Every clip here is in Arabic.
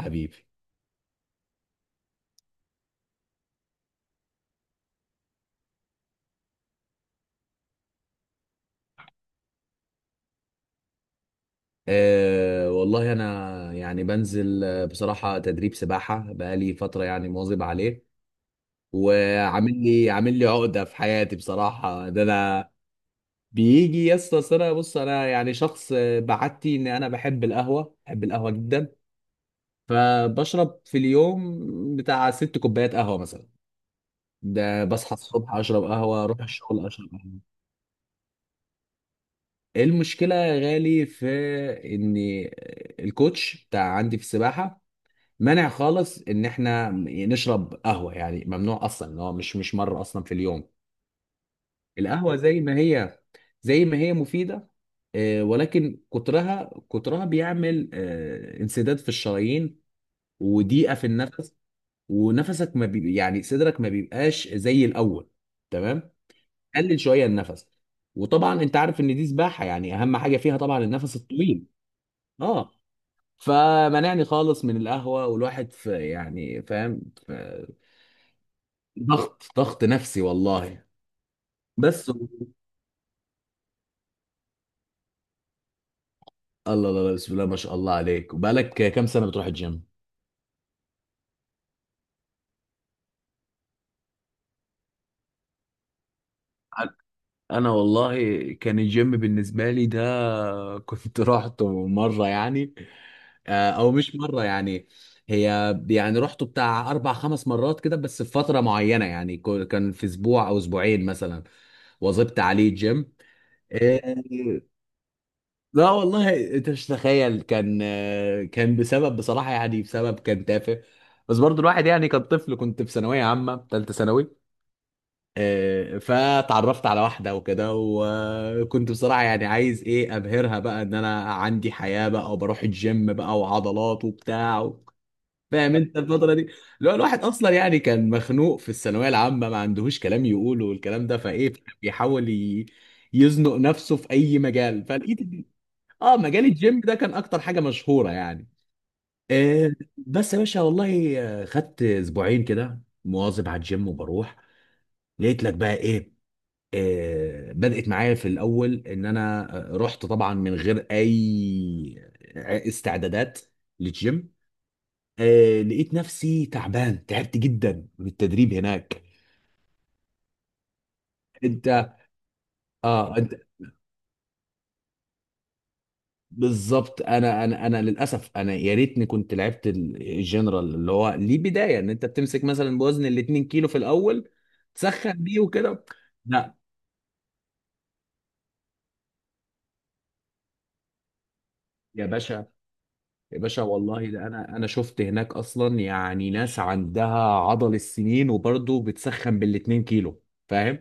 حبيبي، أه والله انا يعني بنزل بصراحه تدريب سباحه بقالي فتره يعني مواظب عليه. وعامل لي عقده في حياتي بصراحه ده انا. بيجي يا اسطى، أصل انا بص انا يعني شخص بعادتي ان انا بحب القهوه، بحب القهوه جدا. فبشرب في اليوم بتاع 6 كوبايات قهوه مثلا. ده بصحى الصبح اشرب قهوه، اروح الشغل اشرب قهوه. المشكله يا غالي في ان الكوتش بتاع عندي في السباحه مانع خالص ان احنا نشرب قهوه، يعني ممنوع اصلا ان هو مش مره اصلا في اليوم. القهوه زي ما هي، مفيده، ولكن كترها بيعمل انسداد في الشرايين وضيقه في النفس. ونفسك ما بي يعني صدرك ما بيبقاش زي الاول. تمام. قلل شويه النفس. وطبعا انت عارف ان دي سباحه، يعني اهم حاجه فيها طبعا النفس الطويل. اه. فمنعني خالص من القهوه، والواحد في يعني فاهم. ضغط نفسي والله. بس الله. الله الله بسم الله ما شاء الله عليك، وبقالك كام سنة بتروح الجيم؟ انا والله كان الجيم بالنسبه لي ده، كنت رحته مره يعني. او مش مره يعني. هي يعني رحته بتاع 4 5 مرات كده، بس في فتره معينه يعني. كان في اسبوع او اسبوعين مثلا واظبت عليه الجيم. آه، لا والله انت مش تخيل. كان بسبب بصراحة يعني، بسبب كان تافه. بس برضو الواحد يعني كان طفل، كنت في ثانوية عامة، ثالثة ثانوي. اه، فتعرفت على واحدة وكده، وكنت بصراحة يعني عايز ايه ابهرها بقى، ان انا عندي حياة بقى وبروح الجيم بقى وعضلات وبتاع فاهم انت الفترة دي، لو الواحد اصلا يعني كان مخنوق في الثانوية العامة ما عندهوش كلام يقوله والكلام ده فايه. بيحاول يزنق نفسه في اي مجال، فلقيت اه مجال الجيم ده كان اكتر حاجه مشهوره يعني. آه بس يا باشا والله خدت اسبوعين كده مواظب على الجيم وبروح. لقيت لك بقى ايه، بدأت معايا في الاول ان انا رحت طبعا من غير اي استعدادات للجيم. لقيت نفسي تعبان، تعبت جدا من التدريب هناك. انت اه انت بالظبط. انا للاسف، انا يا ريتني كنت لعبت الجنرال اللي هو ليه بدايه ان انت بتمسك مثلا بوزن ال 2 كيلو في الاول، تسخن بيه وكده. لا يا باشا، يا باشا والله ده انا شفت هناك اصلا يعني ناس عندها عضل السنين، وبرضه بتسخن بال 2 كيلو. فاهم؟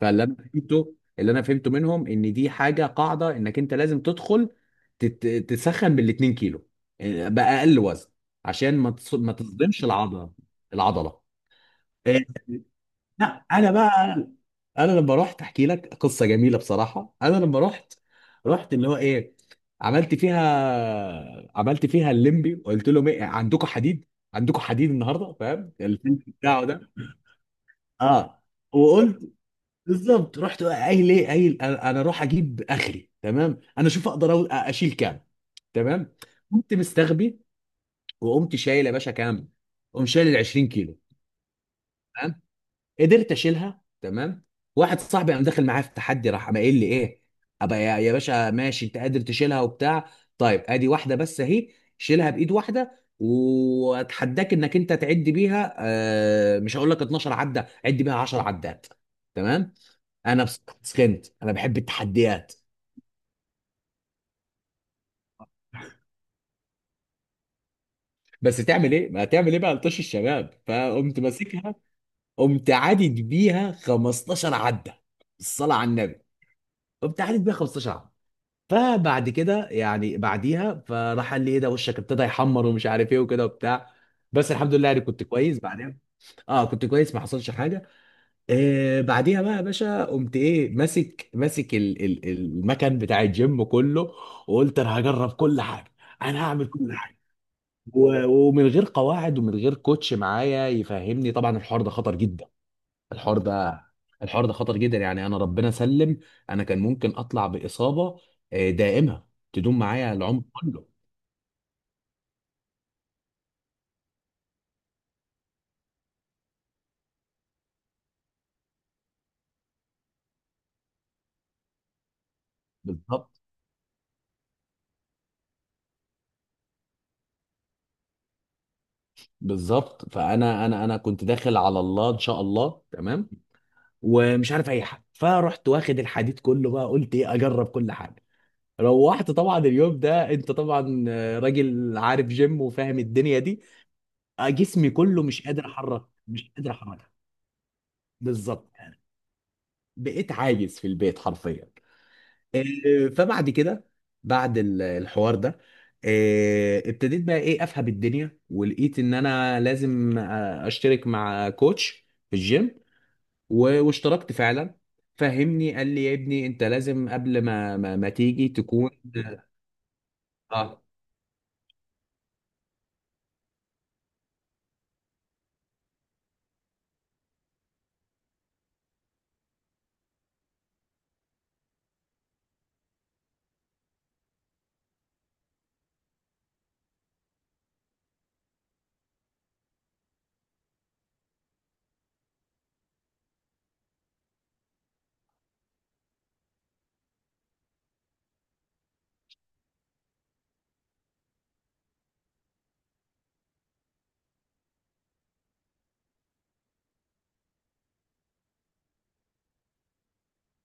فاللي انا فهمته، منهم ان دي حاجه قاعده انك انت لازم تدخل تسخن بال 2 كيلو، باقل وزن عشان ما تصدمش العضله. العضله آه، لا انا بقى. انا لما رحت احكي لك قصه جميله بصراحه. انا لما رحت اللي هو ايه، عملت فيها الليمبي وقلت لهم ايه عندكم حديد، عندكم حديد النهارده. فاهم الفيلم بتاعه ده؟ اه، وقلت بالظبط. رحت قايل ايه، قايل انا أنا اروح اجيب اخري تمام، انا اشوف اقدر اشيل كام. تمام. قمت مستغبي وقمت شايل يا باشا كام. قمت شايل ال 20 كيلو قدرت اشيلها. تمام. واحد صاحبي قام داخل معايا في التحدي، راح قام قايل لي ايه، ابقى يا باشا ماشي انت قادر تشيلها وبتاع. طيب ادي واحده بس اهي، شيلها بايد واحده واتحداك انك انت تعد بيها. مش هقول لك 12 عده، عد بيها 10 عدات. تمام. انا سخنت، انا بحب التحديات. بس تعمل ايه ما تعمل ايه بقى، لطش الشباب فقمت ماسكها. قمت عادد بيها 15 عده، الصلاه على النبي. قمت عادد بيها 15 عده. فبعد كده يعني، بعديها فراح قال لي ايه ده، وشك ابتدى يحمر ومش عارف ايه وكده وبتاع. بس الحمد لله يعني كنت كويس بعدين. اه كنت كويس، ما حصلش حاجه. بعديها بقى يا باشا قمت ايه، ماسك المكان بتاع الجيم كله. وقلت انا هجرب كل حاجه، انا هعمل كل حاجه. ومن غير قواعد ومن غير كوتش معايا يفهمني. طبعا الحوار ده خطر جدا. الحوار ده الحوار ده خطر جدا يعني. انا ربنا سلم، انا كان ممكن اطلع باصابه دائمه تدوم معايا العمر كله. بالظبط. بالظبط فانا انا انا كنت داخل على الله ان شاء الله تمام ومش عارف اي حاجه. فرحت واخد الحديد كله بقى قلت ايه، اجرب كل حاجه. روحت طبعا اليوم ده، انت طبعا راجل عارف جيم وفاهم الدنيا دي. جسمي كله مش قادر احرك، مش قادر احرك. بالظبط يعني، بقيت عاجز في البيت حرفيا. فبعد كده، بعد الحوار ده ابتديت بقى ايه افهم الدنيا، ولقيت ان انا لازم اشترك مع كوتش في الجيم. واشتركت فعلا. فهمني قال لي يا ابني انت لازم قبل ما ما تيجي تكون. اه.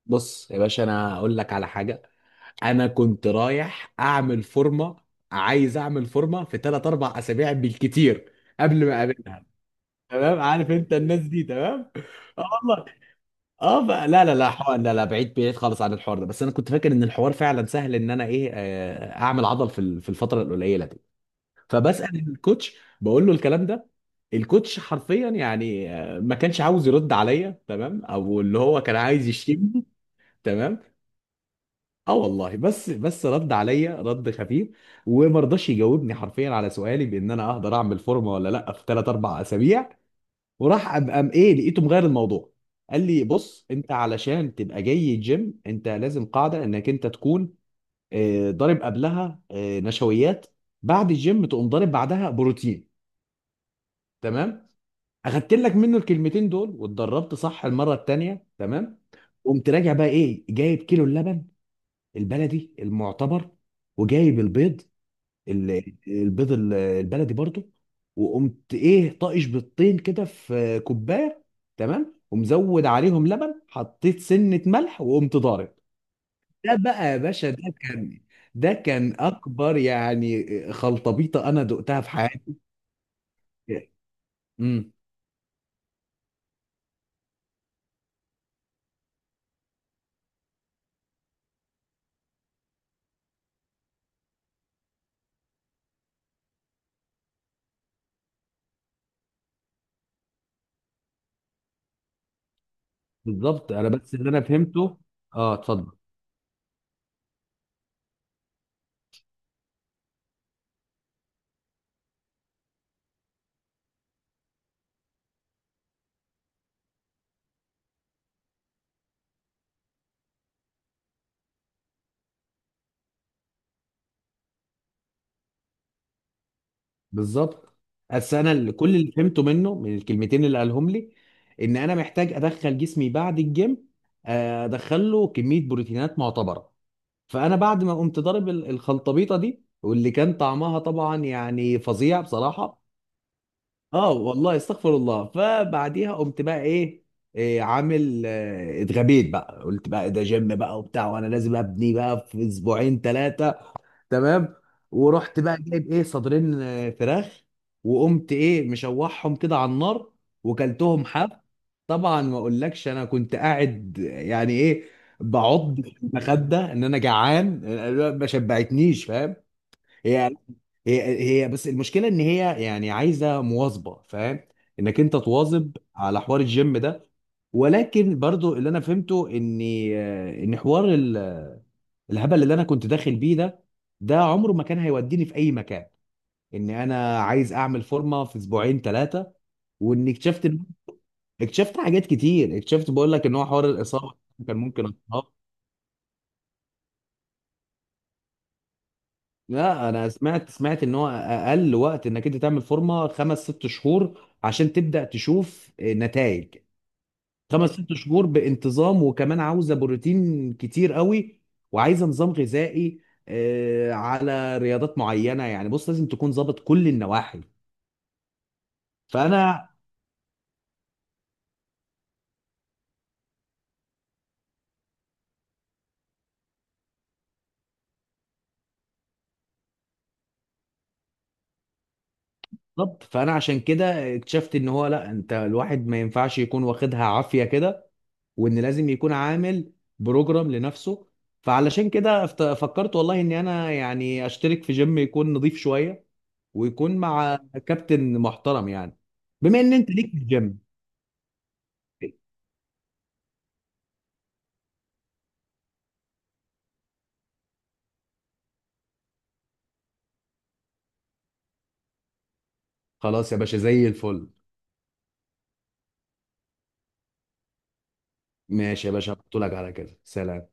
بص يا باشا، انا هقول لك على حاجه. انا كنت رايح اعمل فورمه، عايز اعمل فورمه في 3 4 اسابيع بالكتير قبل ما اقابلها. تمام. عارف انت الناس دي. تمام. اه. اه بقى لا لا لا حوار، لا لا بعيد بعيد خالص عن الحوار ده. بس انا كنت فاكر ان الحوار فعلا سهل، ان انا ايه اعمل عضل في في الفتره القليله دي. فبسال الكوتش بقول له الكلام ده. الكوتش حرفيا يعني ما كانش عاوز يرد عليا تمام، او اللي هو كان عايز يشتمني. تمام. اه والله، بس رد عليا رد خفيف، وما رضاش يجاوبني حرفيا على سؤالي بان انا اقدر اعمل فورمه ولا لا في 3 4 اسابيع. وراح قام ايه لقيته مغير الموضوع. قال لي بص، انت علشان تبقى جاي الجيم انت لازم قاعده انك انت تكون ضارب قبلها نشويات، بعد الجيم تقوم ضارب بعدها بروتين. تمام. اخدت لك منه الكلمتين دول واتدربت صح المره التانيه. تمام. قمت راجع بقى ايه، جايب كيلو اللبن البلدي المعتبر وجايب البيض، البيض البلدي برضو. وقمت ايه طاقش بيضتين كده في كوبايه. تمام ومزود عليهم لبن، حطيت سنه ملح وقمت ضارب. ده بقى يا باشا ده كان، ده كان اكبر يعني خلطبيطه انا دقتها في حياتي. امم. بالظبط. انا بس اللي انا فهمته. اه اتفضل. بالظبط. بس انا كل اللي فهمته منه من الكلمتين اللي قالهم لي، ان انا محتاج ادخل جسمي بعد الجيم ادخله كميه بروتينات معتبره. فانا بعد ما قمت ضارب الخلطبيطه دي، واللي كان طعمها طبعا يعني فظيع بصراحه. اه والله استغفر الله. فبعديها قمت بقى ايه، إيه عامل اتغبيت بقى قلت بقى ده جيم بقى وبتاع، وانا لازم ابني بقى في اسبوعين ثلاثه. تمام. ورحت بقى جايب ايه، صدرين فراخ. وقمت ايه مشوحهم كده على النار وكلتهم حاف. طبعا ما اقولكش انا كنت قاعد يعني ايه، بعض في المخده ان انا جعان ما شبعتنيش، فاهم؟ هي هي بس المشكله ان هي يعني عايزه مواظبه، فاهم؟ انك انت تواظب على حوار الجيم ده. ولكن برضو اللي انا فهمته ان ان حوار الهبل اللي انا كنت داخل بيه ده، ده عمره ما كان هيوديني في اي مكان. ان انا عايز اعمل فورمه في اسبوعين ثلاثه. وان اكتشفت حاجات كتير. اكتشفت بقول لك ان هو حوار الاصابه، كان ممكن اتصاب. لا انا سمعت ان هو اقل وقت انك انت تعمل فورمه 5 6 شهور عشان تبدا تشوف نتائج. 5 6 شهور بانتظام، وكمان عاوزه بروتين كتير قوي، وعايزه نظام غذائي على رياضات معينه. يعني بص لازم تكون ظابط كل النواحي. فانا بالظبط فانا عشان كده اكتشفت ان هو لا، انت الواحد ما ينفعش يكون واخدها عافيه كده. وان لازم يكون عامل بروجرام لنفسه. فعلشان كده فكرت والله اني انا يعني اشترك في جيم يكون نظيف شويه ويكون مع كابتن محترم يعني. بما ان انت ليك في الجيم. خلاص يا باشا زي الفل. ماشي يا باشا هبعتهولك، على كده سلام.